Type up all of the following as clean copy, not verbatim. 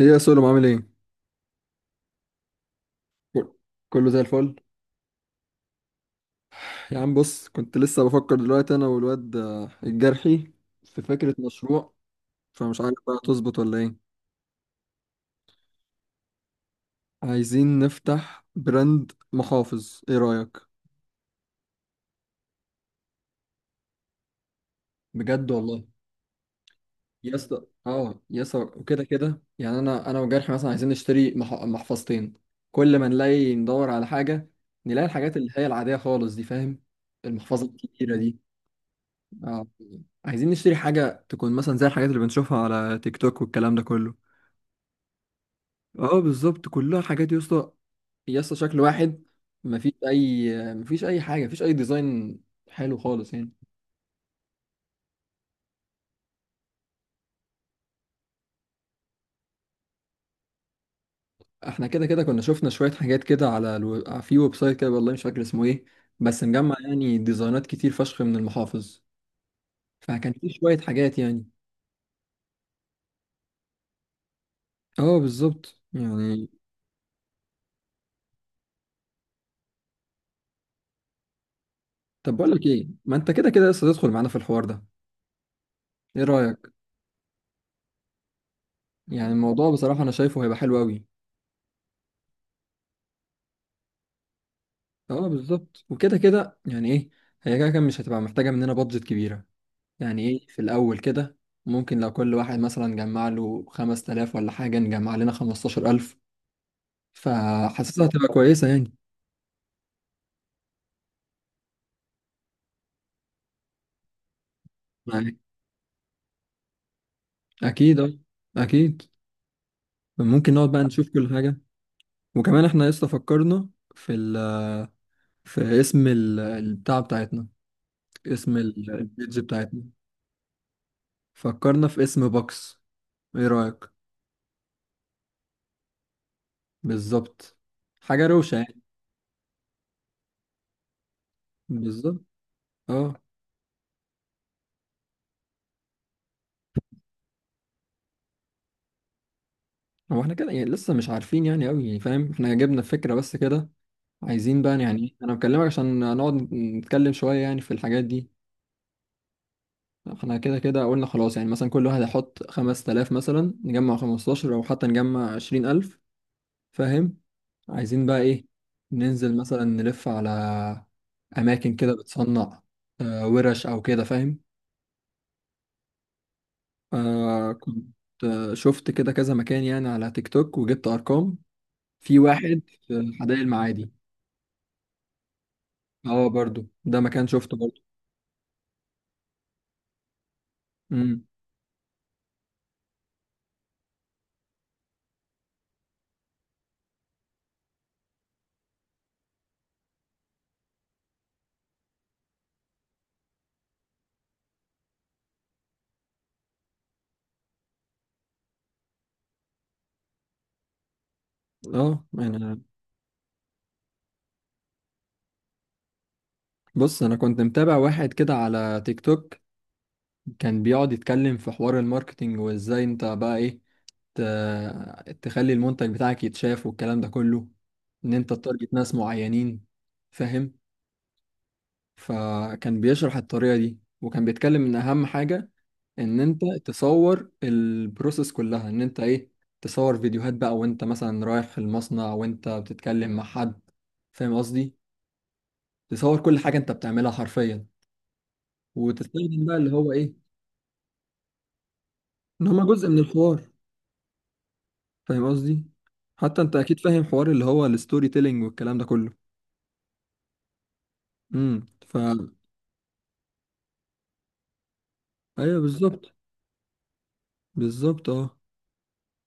ايه يا سولو، عامل ايه؟ كل- كله زي الفل. يا عم بص، كنت لسه بفكر دلوقتي انا والواد الجرحي، في فكرة مشروع. فمش عارف بقى تظبط ولا ايه. عايزين نفتح براند محافظ، ايه رأيك؟ بجد والله. يا اسطى، اه، يا اسطى، وكده كده يعني انا وجرحي مثلا عايزين نشتري محفظتين. كل ما نلاقي ندور على حاجة، نلاقي الحاجات اللي هي العادية خالص دي، فاهم؟ المحفظة الكبيرة دي. اه. عايزين نشتري حاجة تكون مثلا زي الحاجات اللي بنشوفها على تيك توك والكلام ده كله. اه بالظبط، كلها حاجات يا اسطى، يا اسطى شكل واحد. مفيش اي حاجة، مفيش اي ديزاين حلو خالص يعني. احنا كده كده كنا شفنا شوية حاجات كده على في ويب سايت كده، والله مش فاكر اسمه ايه، بس مجمع يعني ديزاينات كتير فشخ من المحافظ. فكان في شوية حاجات يعني. اه بالظبط يعني. طب بقول لك ايه، ما انت كده كده لسه تدخل معانا في الحوار ده، ايه رأيك. يعني الموضوع بصراحة انا شايفه هيبقى حلو قوي. اه بالظبط، وكده كده يعني ايه، هي كده كده مش هتبقى محتاجة مننا بادجت كبيرة. يعني ايه في الأول كده، ممكن لو كل واحد مثلا جمع له 5000 ولا حاجة، نجمع لنا 15000. فحاسسها هتبقى كويسة يعني. يعني أكيد، أكيد. ممكن نقعد بقى نشوف كل حاجة. وكمان احنا لسه فكرنا في ال... في اسم البتاع بتاعتنا، اسم البيج بتاعتنا. فكرنا في اسم بوكس، ايه رأيك. بالظبط. حاجة روشة يعني. بالظبط اه. هو احنا كده يعني لسه مش عارفين يعني قوي، يعني فاهم، احنا جبنا الفكرة بس كده. عايزين بقى يعني ايه، انا بكلمك عشان نقعد نتكلم شوية يعني في الحاجات دي. احنا كده كده قلنا خلاص، يعني مثلا كل واحد هيحط 5000، مثلا نجمع 15 او حتى نجمع 20000. فاهم. عايزين بقى ايه، ننزل مثلا نلف على اماكن كده بتصنع، ورش او كده، فاهم. آه كنت آه، شفت كده كذا مكان يعني على تيك توك، وجبت ارقام في واحد في حدائق المعادي. اه برضو ده مكان شفته برضو. امم اه انا بص، انا كنت متابع واحد كده على تيك توك، كان بيقعد يتكلم في حوار الماركتينج، وازاي انت بقى ايه ت... تخلي المنتج بتاعك يتشاف والكلام ده كله، ان انت تارجت ناس معينين، فاهم. فكان بيشرح الطريقة دي، وكان بيتكلم ان اهم حاجة ان انت تصور البروسيس كلها، ان انت ايه، تصور فيديوهات بقى وانت مثلا رايح المصنع وانت بتتكلم مع حد، فاهم قصدي. تصور كل حاجة انت بتعملها حرفيا، وتستخدم بقى اللي هو ايه، ان هما جزء من الحوار، فاهم قصدي. حتى انت اكيد فاهم حوار اللي هو الستوري تيلينج والكلام ده كله. ف ايوه بالظبط. بالظبط اه.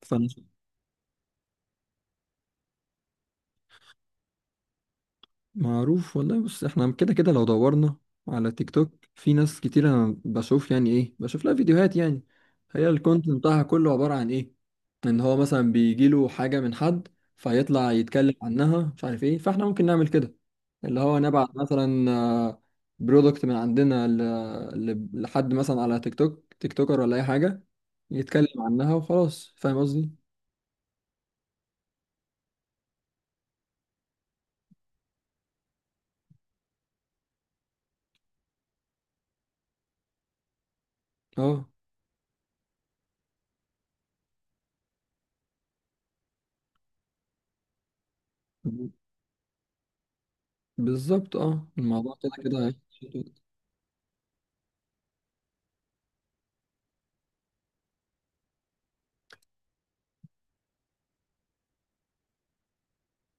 ف معروف والله. بص احنا كده كده لو دورنا على تيك توك، في ناس كتير انا بشوف، يعني ايه، بشوف لها فيديوهات يعني، هي الكونتنت بتاعها كله عبارة عن ايه، ان هو مثلا بيجيله حاجة من حد فيطلع يتكلم عنها، مش عارف ايه. فاحنا ممكن نعمل كده، اللي هو نبعت مثلا برودكت من عندنا لحد مثلا على تيك توك، تيك توكر ولا اي حاجه، يتكلم عنها وخلاص، فاهم قصدي. اه ب- بالظبط اه، الموضوع كده كده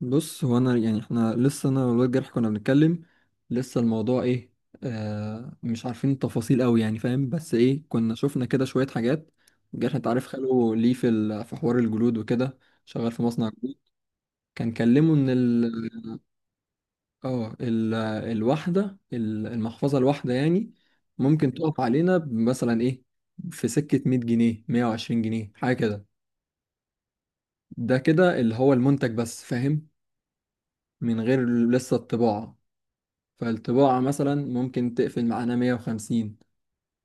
بص هو انا يعني، احنا لسه انا والواد جرح كنا بنتكلم، لسه الموضوع ايه، مش عارفين التفاصيل قوي يعني، فاهم، بس ايه، كنا شفنا كده شويه حاجات. جرح انت عارف خاله ليه في حوار الجلود وكده، شغال في مصنع جلود. كان كلمه ان اه ال- الواحدة، المحفظة الواحدة يعني ممكن تقف علينا مثلا ايه، في سكة 100 جنيه، 120 جنيه، حاجة كده. ده كده اللي هو المنتج بس، فاهم، من غير لسه الطباعة. فالطباعة مثلا ممكن تقفل معانا 150.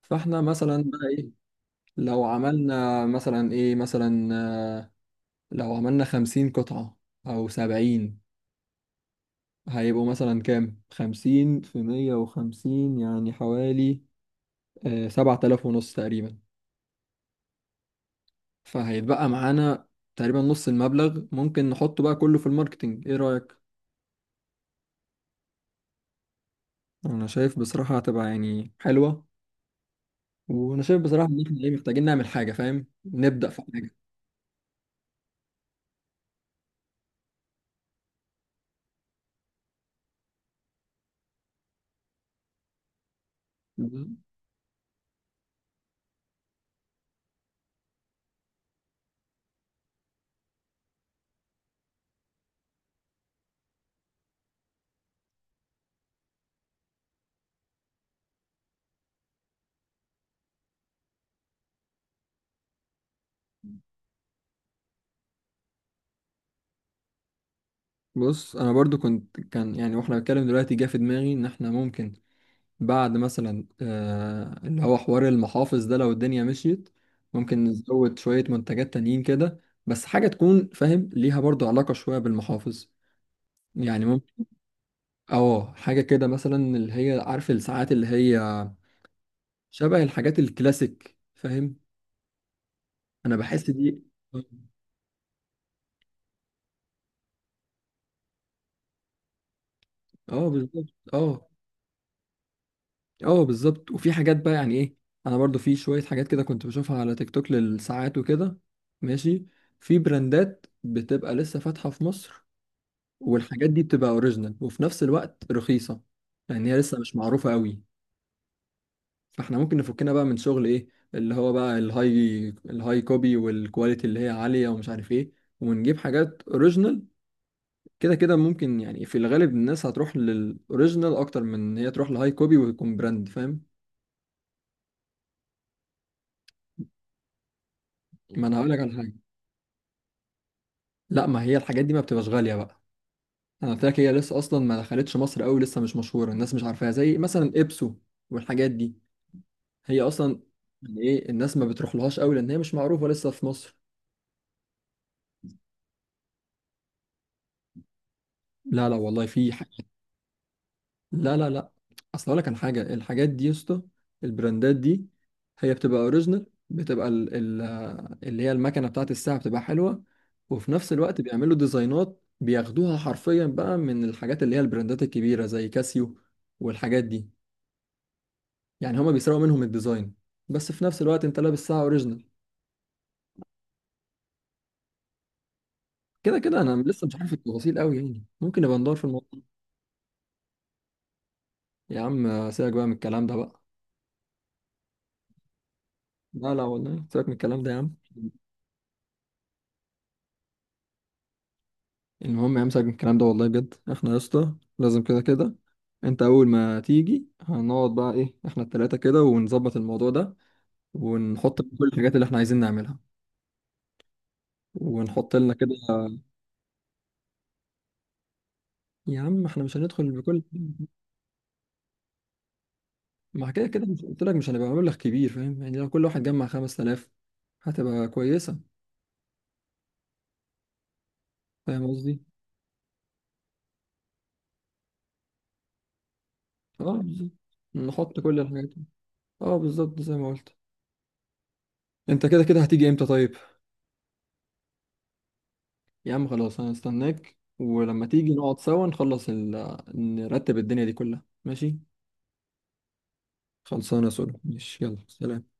فاحنا مثلا بقى ايه، لو عملنا مثلا ايه مثلا آه، لو عملنا 50 قطعة او 70، هيبقوا مثلا كام، 50 في 150 يعني حوالي 7500 تقريبا. فهيتبقى معانا تقريبا نص المبلغ، ممكن نحطه بقى كله في الماركتينج، ايه رأيك؟ انا شايف بصراحة هتبقى يعني حلوة. وانا شايف بصراحة ان احنا ايه، محتاجين نعمل حاجة، فاهم؟ نبدأ في حاجة. بص انا برضو كان يعني، واحنا بنتكلم دلوقتي، جه في دماغي ان احنا ممكن بعد مثلا اللي هو حوار المحافظ ده لو الدنيا مشيت، ممكن نزود شوية منتجات تانيين كده. بس حاجة تكون فاهم ليها برضو علاقة شوية بالمحافظ يعني. اه حاجة كده مثلا، اللي هي عارف الساعات، اللي هي شبه الحاجات الكلاسيك فاهم. انا بحس دي. اه بالظبط اه. اه بالظبط، وفي حاجات بقى يعني ايه، انا برضو في شوية حاجات كده كنت بشوفها على تيك توك للساعات وكده. ماشي. في براندات بتبقى لسه فاتحة في مصر، والحاجات دي بتبقى اوريجينال وفي نفس الوقت رخيصة، لان هي لسه مش معروفة قوي. احنا ممكن نفكنا بقى من شغل ايه، اللي هو بقى الهاي كوبي والكواليتي اللي هي عالية ومش عارف ايه، ونجيب حاجات اوريجينال. كده كده ممكن يعني في الغالب الناس هتروح للاوريجينال اكتر من ان هي تروح لهاي كوبي ويكون براند، فاهم. ما انا هقول لك على حاجة. لا، ما هي الحاجات دي ما بتبقاش غالية بقى. انا قلت لك، هي لسه اصلا ما دخلتش مصر قوي، لسه مش مشهورة، الناس مش عارفاها، زي مثلا ابسو والحاجات دي، هي اصلا يعني ايه، الناس ما بتروح لهاش قوي لان هي مش معروفة لسه في مصر. لا لا والله في. لا لا لا. اصل اقول لك على حاجه، الحاجات دي يا اسطى، البراندات دي، هي بتبقى اوريجينال، بتبقى ال ال اللي هي المكنه بتاعت الساعه بتبقى حلوه، وفي نفس الوقت بيعملوا ديزاينات بياخدوها حرفيا بقى من الحاجات اللي هي البراندات الكبيره زي كاسيو والحاجات دي. يعني هما بيسرقوا منهم الديزاين، بس في نفس الوقت انت لابس ساعه اوريجينال. كده كده انا لسه مش عارف التفاصيل قوي يعني، ممكن نبقى ندور في الموضوع. يا عم سيبك بقى من الكلام ده بقى. لا لا والله، سيبك من الكلام ده يا عم. المهم امسك من الكلام ده، والله بجد احنا يا اسطى لازم كده كده، انت اول ما تيجي هنقعد بقى ايه، احنا التلاتة كده، ونظبط الموضوع ده ونحط كل الحاجات اللي احنا عايزين نعملها، ونحط لنا كده. يا عم احنا مش هندخل بكل، مع كده كده مش قلت لك مش هنبقى مبلغ كبير، فاهم يعني لو كل واحد جمع 5000 هتبقى كويسة. فاهم قصدي، اه بالظبط. نحط كل الحاجات دي. اه بالظبط زي ما قلت. انت كده كده هتيجي امتى طيب؟ يا عم خلاص انا استناك، ولما تيجي نقعد سوا نخلص نرتب الدنيا دي كلها، ماشي. خلصانه يا سولو، ماشي، يلا سلام.